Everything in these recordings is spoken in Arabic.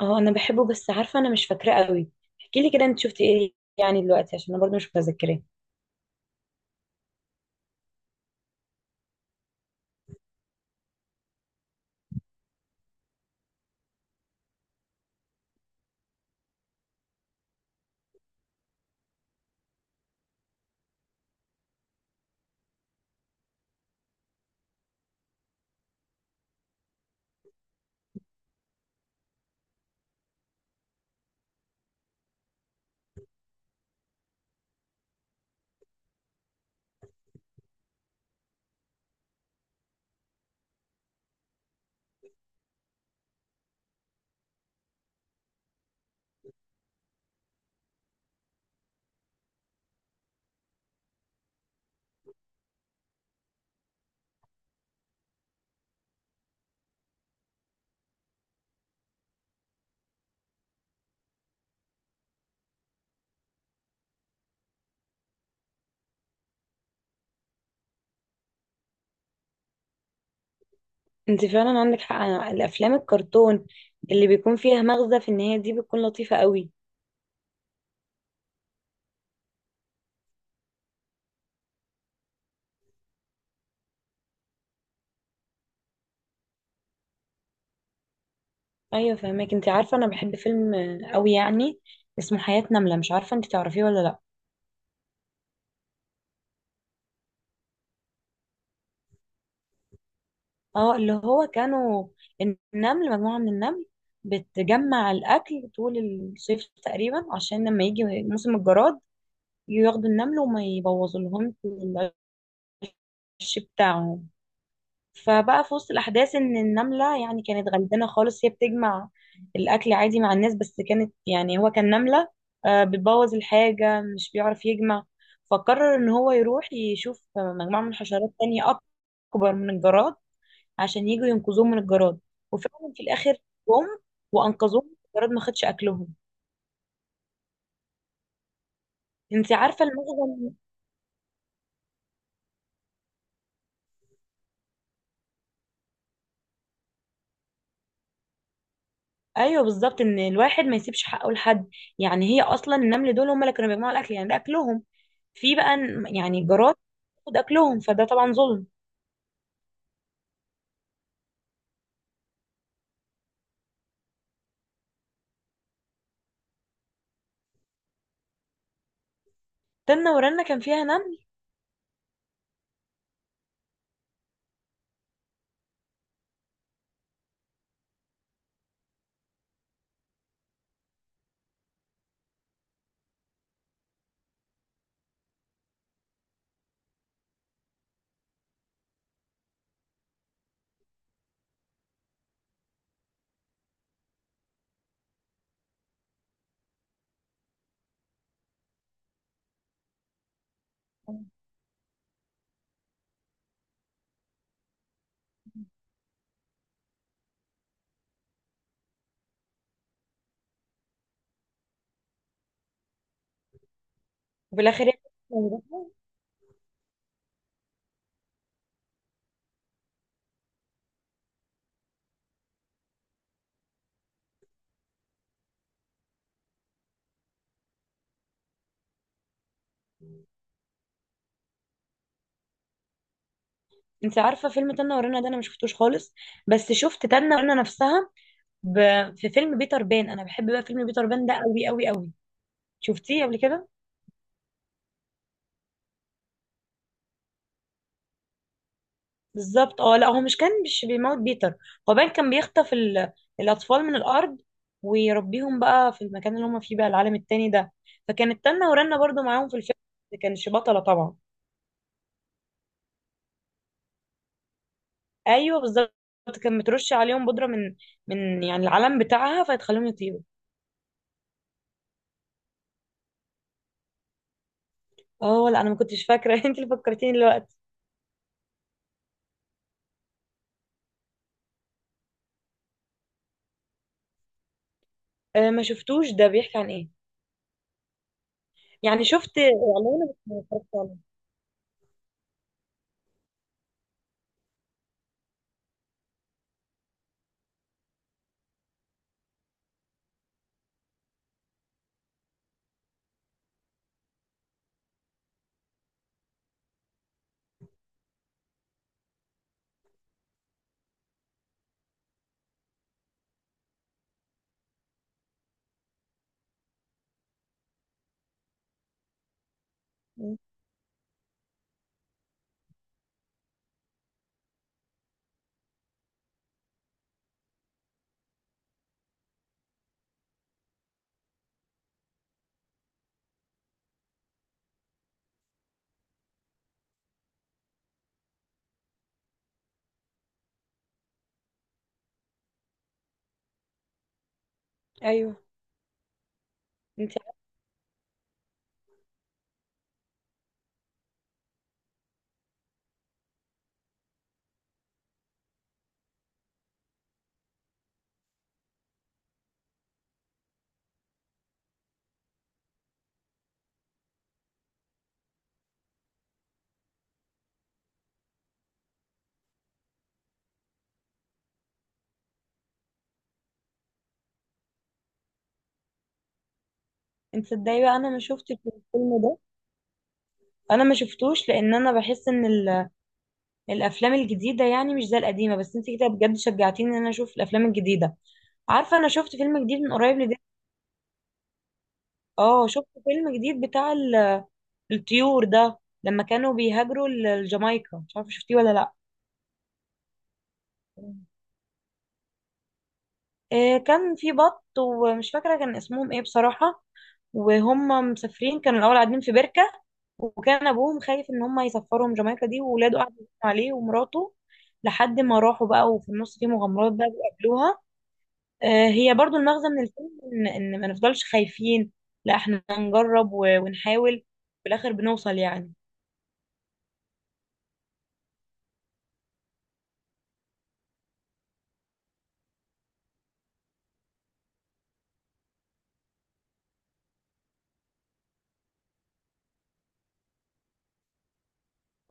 اه، انا بحبه بس عارفه انا مش فاكراه قوي. احكي لي كده، انت شفتي ايه يعني دلوقتي؟ عشان انا برضو مش متذكراه. انت فعلا عندك حق، أنا الافلام الكرتون اللي بيكون فيها مغزى في النهايه دي بتكون لطيفه قوي. ايوه فهماك، انت عارفه انا بحب فيلم قوي يعني، اسمه حياه نمله. مش عارفه انت تعرفيه ولا لا؟ اه، اللي هو كانوا النمل، مجموعه من النمل بتجمع الاكل طول الصيف تقريبا، عشان لما يجي موسم الجراد ياخدوا النمل وما يبوظوا لهم العش بتاعهم. فبقى في وسط الأحداث إن النملة يعني كانت غلبانة خالص، هي بتجمع الأكل عادي مع الناس، بس كانت يعني هو كان نملة بتبوظ الحاجة، مش بيعرف يجمع. فقرر إن هو يروح يشوف مجموعة من حشرات تانية أكبر من الجراد عشان يجوا ينقذوهم من الجراد. وفعلا في الآخر جم وأنقذوهم، الجراد ما خدش أكلهم. انت عارفة المغزى؟ ايوه بالظبط، ان الواحد ما يسيبش حقه لحد. يعني هي اصلا النمل دول هم اللي كانوا بيجمعوا الاكل، يعني ده اكلهم. في بقى يعني جارات تاخد اكلهم، فده طبعا ظلم. تنة ورنة كان فيها نمل؟ وفي الاخر هي موجودة. انت عارفه فيلم تنة ورنة ده انا ما شفتوش خالص، بس شفت تنة ورنة نفسها ب... في فيلم بيتر بان. انا بحب بقى فيلم بيتر بان ده قوي قوي قوي. شفتيه قبل كده؟ بالظبط. اه لا، هو مش كان مش بيموت بيتر، هو بان كان بيخطف الاطفال من الارض، ويربيهم بقى في المكان اللي هم فيه، بقى العالم التاني ده. فكانت تنة ورنة برضو معاهم في الفيلم، ما كانش بطلة طبعا. ايوه بالظبط، كان مترشي عليهم بودره من يعني العلم بتاعها، فهتخليهم يطيروا. اه لا، انا ما كنتش فاكره انت اللي فكرتيني دلوقتي. آه، ما شفتوش. ده بيحكي عن ايه يعني؟ شفت اعلانه بس ما اتفرجتش عليه. م. ايوه. انت انت تصدقي بقى، انا ما شفتش الفيلم ده، انا ما شفتوش، لان انا بحس ان الافلام الجديده يعني مش زي القديمه. بس انت كده بجد شجعتيني ان انا اشوف الافلام الجديده. عارفه انا شفت فيلم جديد من قريب لده؟ اه، شفت فيلم جديد بتاع الطيور ده، لما كانوا بيهاجروا لجامايكا. مش عارفه شفتيه ولا لا؟ كان في بط، ومش فاكره كان اسمهم ايه بصراحه. وهم مسافرين كانوا الاول قاعدين في بركه، وكان ابوهم خايف ان هم يسفرهم جامايكا دي، وولاده قعدوا يزنوا عليه ومراته لحد ما راحوا بقى. وفي النص في مغامرات بقى بيقابلوها. هي برضو المغزى من الفيلم ان ما نفضلش خايفين، لا احنا نجرب ونحاول، في الاخر بنوصل يعني.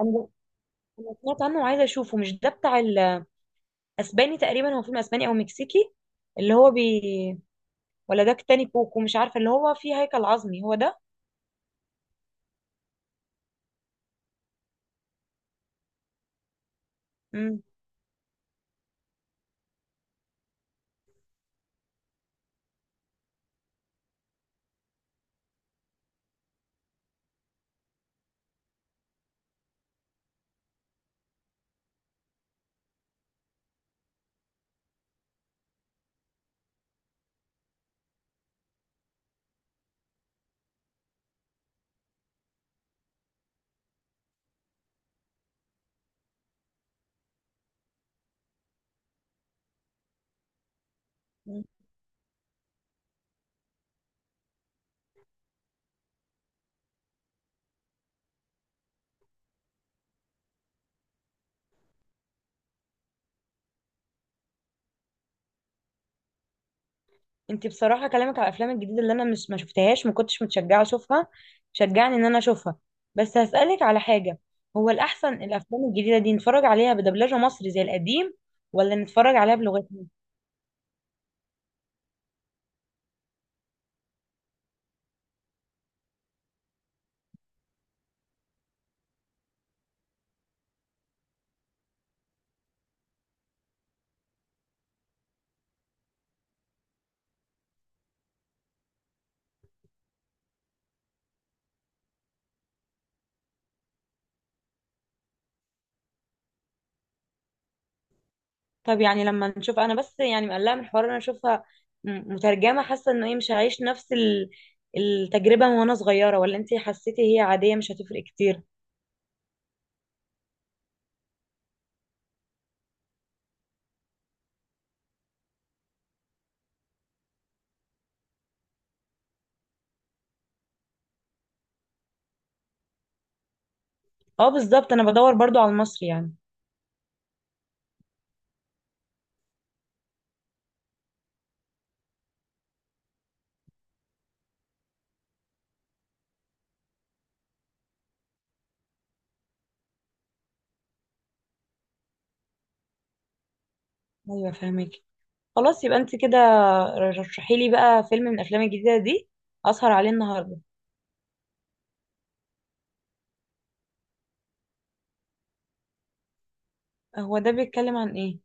انا أنا سمعت عنه وعايزه اشوفه. مش ده بتاع اسباني تقريبا؟ هو فيلم اسباني او مكسيكي، اللي هو بي. ولا ده تاني كوكو؟ مش عارفه اللي هو فيه هيكل عظمي هو ده. امم. انت بصراحه كلامك على الافلام الجديده اللي انا مش ما شفتهاش، ما كنتش متشجعه اشوفها، شجعني ان انا اشوفها. بس هسالك على حاجه. هو الاحسن الافلام الجديده دي نتفرج عليها بدبلجه مصري زي القديم، ولا نتفرج عليها بلغتنا؟ طب يعني لما نشوف، انا بس يعني مقلقه من الحوار إن انا اشوفها مترجمه، حاسه انه ايه مش هعيش نفس التجربه من وانا صغيره؟ ولا انت حسيتي هي عاديه مش هتفرق كتير؟ اه بالظبط، انا بدور برضو على المصري يعني. ايوه فاهمك. خلاص يبقى انت كده رشحي لي بقى فيلم من الافلام الجديده دي اسهر عليه النهارده. هو ده بيتكلم عن ايه؟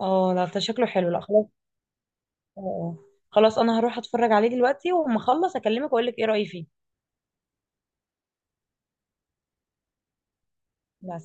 اه لا، ده شكله حلو. لا خلاص. اه. آه. خلاص، انا هروح اتفرج عليه دلوقتي وأما اخلص اكلمك واقول لك ايه رايي فيه. لا.